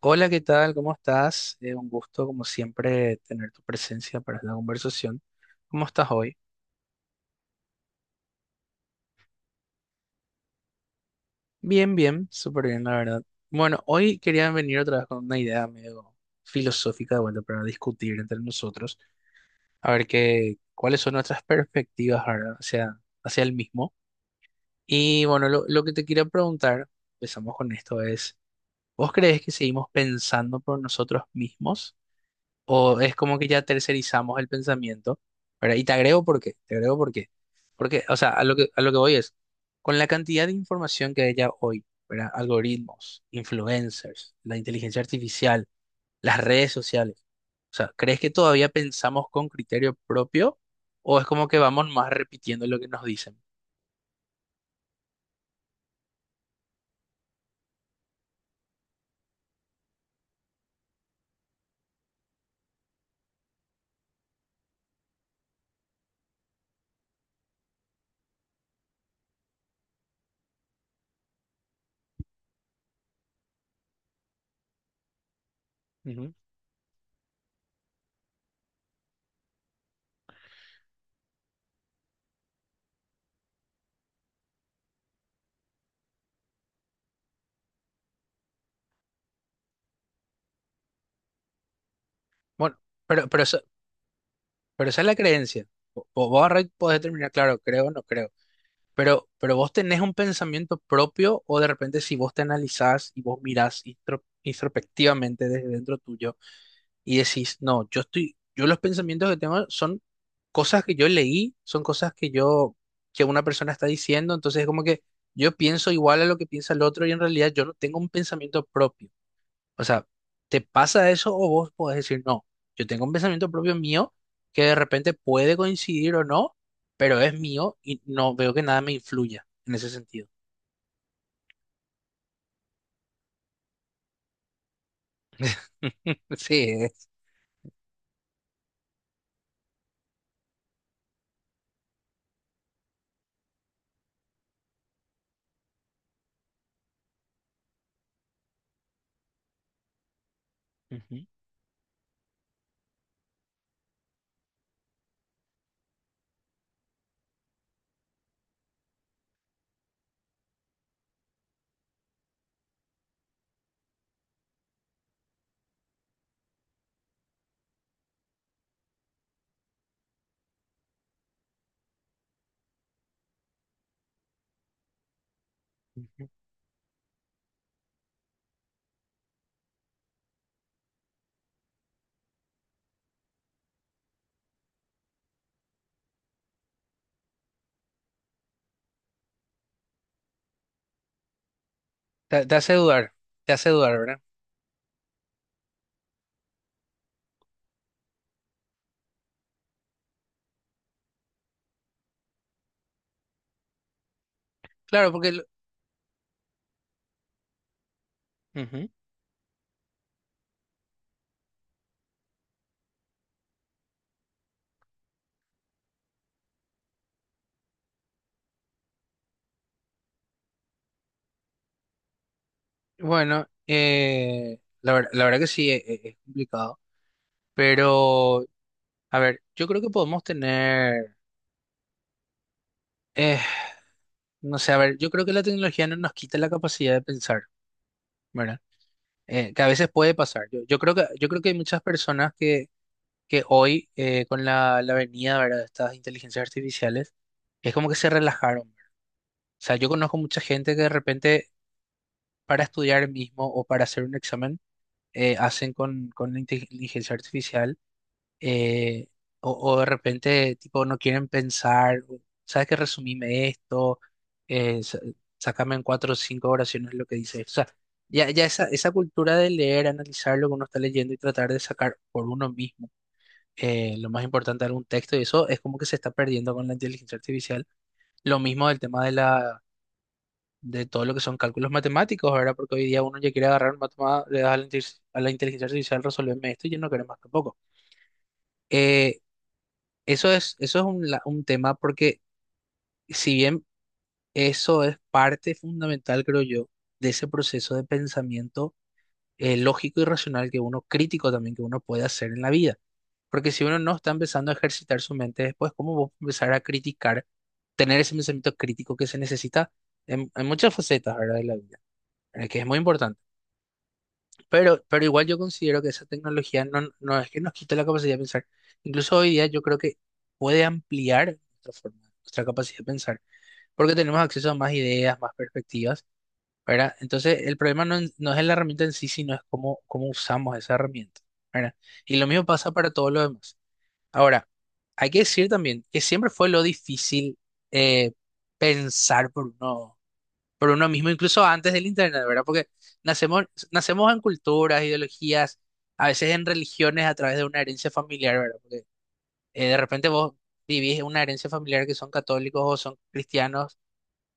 Hola, ¿qué tal? ¿Cómo estás? Un gusto, como siempre, tener tu presencia para esta conversación. ¿Cómo estás hoy? Bien, bien, súper bien, la verdad. Bueno, hoy quería venir otra vez con una idea medio filosófica de vuelta para discutir entre nosotros, a ver cuáles son nuestras perspectivas ahora hacia el mismo. Y bueno, lo que te quería preguntar, empezamos con esto, es, ¿vos crees que seguimos pensando por nosotros mismos? ¿O es como que ya tercerizamos el pensamiento, ¿verdad? Y te agrego por qué, te agrego por qué. Porque, o sea, a lo que voy es, con la cantidad de información que hay ya hoy, ¿verdad? Algoritmos, influencers, la inteligencia artificial, las redes sociales. O sea, ¿crees que todavía pensamos con criterio propio o es como que vamos más repitiendo lo que nos dicen? Ujú. Bueno, pero, pero, esa- pero esa es la creencia. Vos podés determinar, claro, creo o no creo. Pero vos tenés un pensamiento propio o de repente si vos te analizás y vos mirás introspectivamente desde dentro tuyo y decís, no, yo los pensamientos que tengo son cosas que yo leí, son cosas que yo, que una persona está diciendo, entonces es como que yo pienso igual a lo que piensa el otro y en realidad yo no tengo un pensamiento propio. O sea, ¿te pasa eso o vos podés decir, no, yo tengo un pensamiento propio mío que de repente puede coincidir o no, pero es mío y no veo que nada me influya en ese sentido? Sí, es. Ujú, ujú. Te hace dudar, te hace dudar, ¿verdad? Claro, porque... lo- ujú. Bueno, la verdad que sí, es complicado, pero a ver, yo creo que podemos tener, eh, no sé, a ver, yo creo que la tecnología no nos quita la capacidad de pensar, ¿verdad? Que a veces puede pasar. Yo creo que hay muchas personas que hoy, con la venida, ¿verdad?, de estas inteligencias artificiales, es como que se relajaron. O sea, yo conozco mucha gente que de repente para estudiar mismo o para hacer un examen, hacen con la inteligencia artificial eh, o de repente, tipo, no quieren pensar, ¿sabes qué? Resumime esto, eh, sa- sácame en cuatro o cinco oraciones lo que dice esto. O sea, ya esa cultura de leer, analizar lo que uno está leyendo y tratar de sacar por uno mismo lo más importante de algún texto, y eso es como que se está perdiendo con la inteligencia artificial. Lo mismo del tema de la... de todo lo que son cálculos matemáticos, ¿verdad? Porque hoy día uno ya quiere agarrar un matemático, le das a a la inteligencia artificial, resolverme esto y yo no queremos más tampoco. Eh, Eso eso es un tema porque si bien eso es parte fundamental, creo yo, de ese proceso de pensamiento lógico y racional que uno, crítico también que uno puede hacer en la vida. Porque si uno no está empezando a ejercitar su mente después, ¿cómo va a empezar a criticar, tener ese pensamiento crítico que se necesita en muchas facetas, ¿verdad?, de la vida, que es muy importante. Pero igual yo considero que esa tecnología no es que nos quite la capacidad de pensar. Incluso hoy día yo creo que puede ampliar nuestra capacidad de pensar, porque tenemos acceso a más ideas, más perspectivas, ¿verdad? Entonces, el problema no, en- no es la herramienta en sí, sino es cómo usamos esa herramienta, ¿verdad? Y lo mismo pasa para todo lo demás. Ahora, hay que decir también que siempre fue lo difícil eh, pensar por uno mismo, incluso antes del internet, ¿verdad? Porque nacemos, nacemos en culturas, ideologías, a veces en religiones a través de una herencia familiar, ¿verdad? Porque de repente vos vivís una herencia familiar que son católicos o son cristianos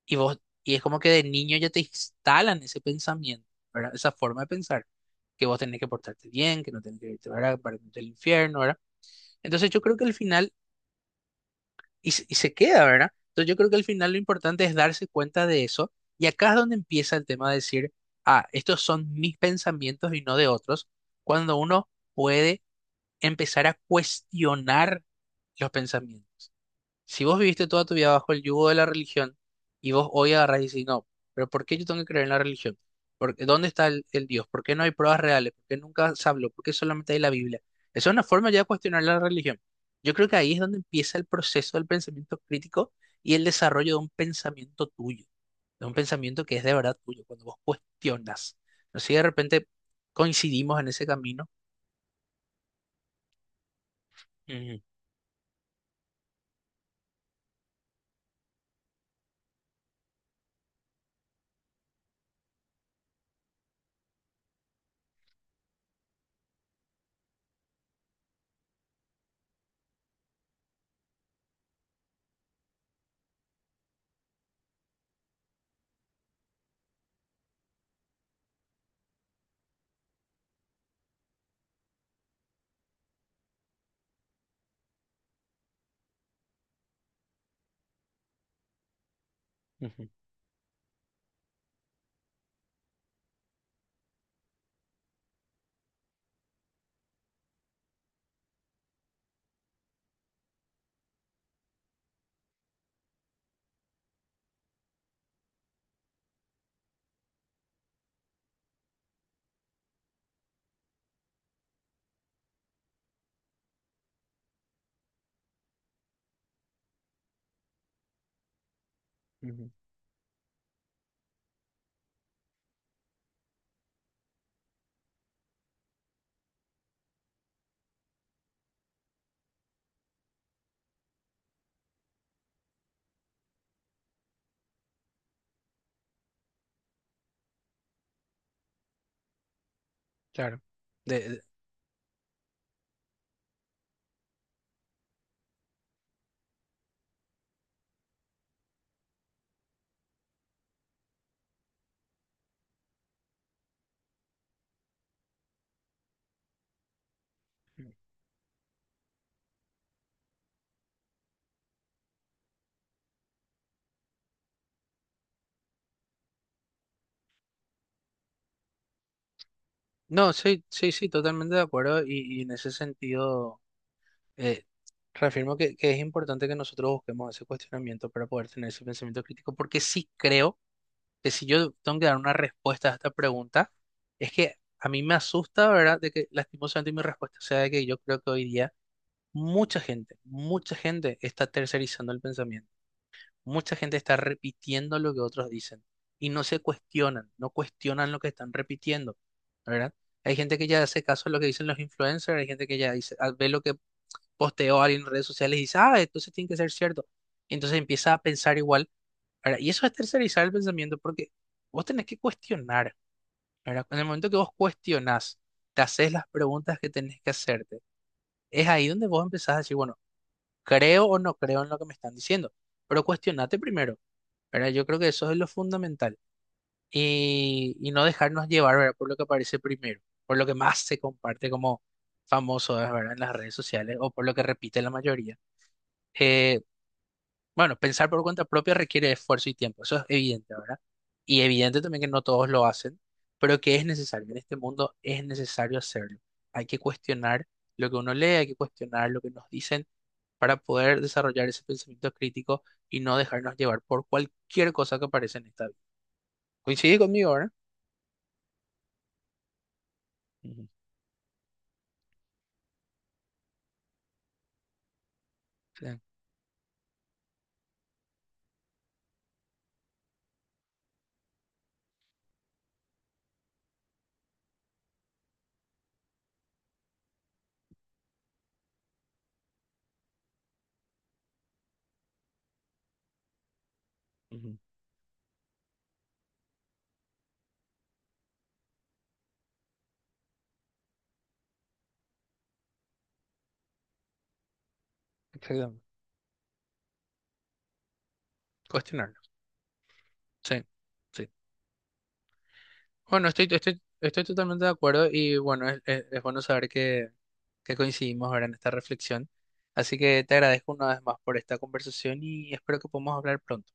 y y es como que de niño ya te instalan ese pensamiento, ¿verdad? Esa forma de pensar, que vos tenés que portarte bien, que no tenés que irte, ¿verdad?, para irte al infierno, ¿verdad? Entonces yo creo que al final y se queda, ¿verdad? Entonces yo creo que al final lo importante es darse cuenta de eso y acá es donde empieza el tema de decir, ah, estos son mis pensamientos y no de otros, cuando uno puede empezar a cuestionar los pensamientos. Si vos viviste toda tu vida bajo el yugo de la religión y vos hoy agarrás y decís, no, pero ¿por qué yo tengo que creer en la religión? Porque, ¿dónde está el Dios? ¿Por qué no hay pruebas reales? ¿Por qué nunca se habló? ¿Por qué solamente hay la Biblia? Esa es una forma ya de cuestionar la religión. Yo creo que ahí es donde empieza el proceso del pensamiento crítico y el desarrollo de un pensamiento tuyo, de un pensamiento que es de verdad tuyo, cuando vos cuestionas. No sé si de repente coincidimos en ese camino. Ujú, ujú, ujú, claro. No, sí, sí, sí, totalmente de acuerdo y en ese sentido eh, reafirmo que es importante que nosotros busquemos ese cuestionamiento para poder tener ese pensamiento crítico, porque sí creo que si yo tengo que dar una respuesta a esta pregunta, es que a mí me asusta, ¿verdad?, de que lastimosamente mi respuesta sea de que yo creo que hoy día mucha gente está tercerizando el pensamiento. Mucha gente está repitiendo lo que otros dicen y no se cuestionan, no cuestionan lo que están repitiendo, ¿verdad? Hay gente que ya hace caso a lo que dicen los influencers, hay gente que ya dice, ah, ve lo que posteó alguien en redes sociales y dice, ah, entonces tiene que ser cierto. Y entonces empieza a pensar igual, ¿verdad? Y eso es tercerizar el pensamiento porque vos tenés que cuestionar, ¿verdad? En el momento que vos cuestionás, te haces las preguntas que tenés que hacerte, es ahí donde vos empezás a decir, bueno, creo o no creo en lo que me están diciendo, pero cuestionate primero. ¿Verdad? Yo creo que eso es lo fundamental. Y no dejarnos llevar, ¿verdad?, por lo que aparece primero, por lo que más se comparte como famoso, es, ¿verdad?, en las redes sociales o por lo que repite la mayoría. Eh, bueno, pensar por cuenta propia requiere esfuerzo y tiempo, eso es evidente, ¿verdad? Y evidente también que no todos lo hacen, pero que es necesario. En este mundo es necesario hacerlo. Hay que cuestionar lo que uno lee, hay que cuestionar lo que nos dicen para poder desarrollar ese pensamiento crítico y no dejarnos llevar por cualquier cosa que aparece en esta vida. Coincide conmigo, ¿verdad? Ujú, sí, ujú, exactamente. Cuestionarlo. Sí, sí. Bueno, estoy totalmente de acuerdo y bueno, es bueno saber que coincidimos ahora en esta reflexión. Así que te agradezco una vez más por esta conversación y espero que podamos hablar pronto.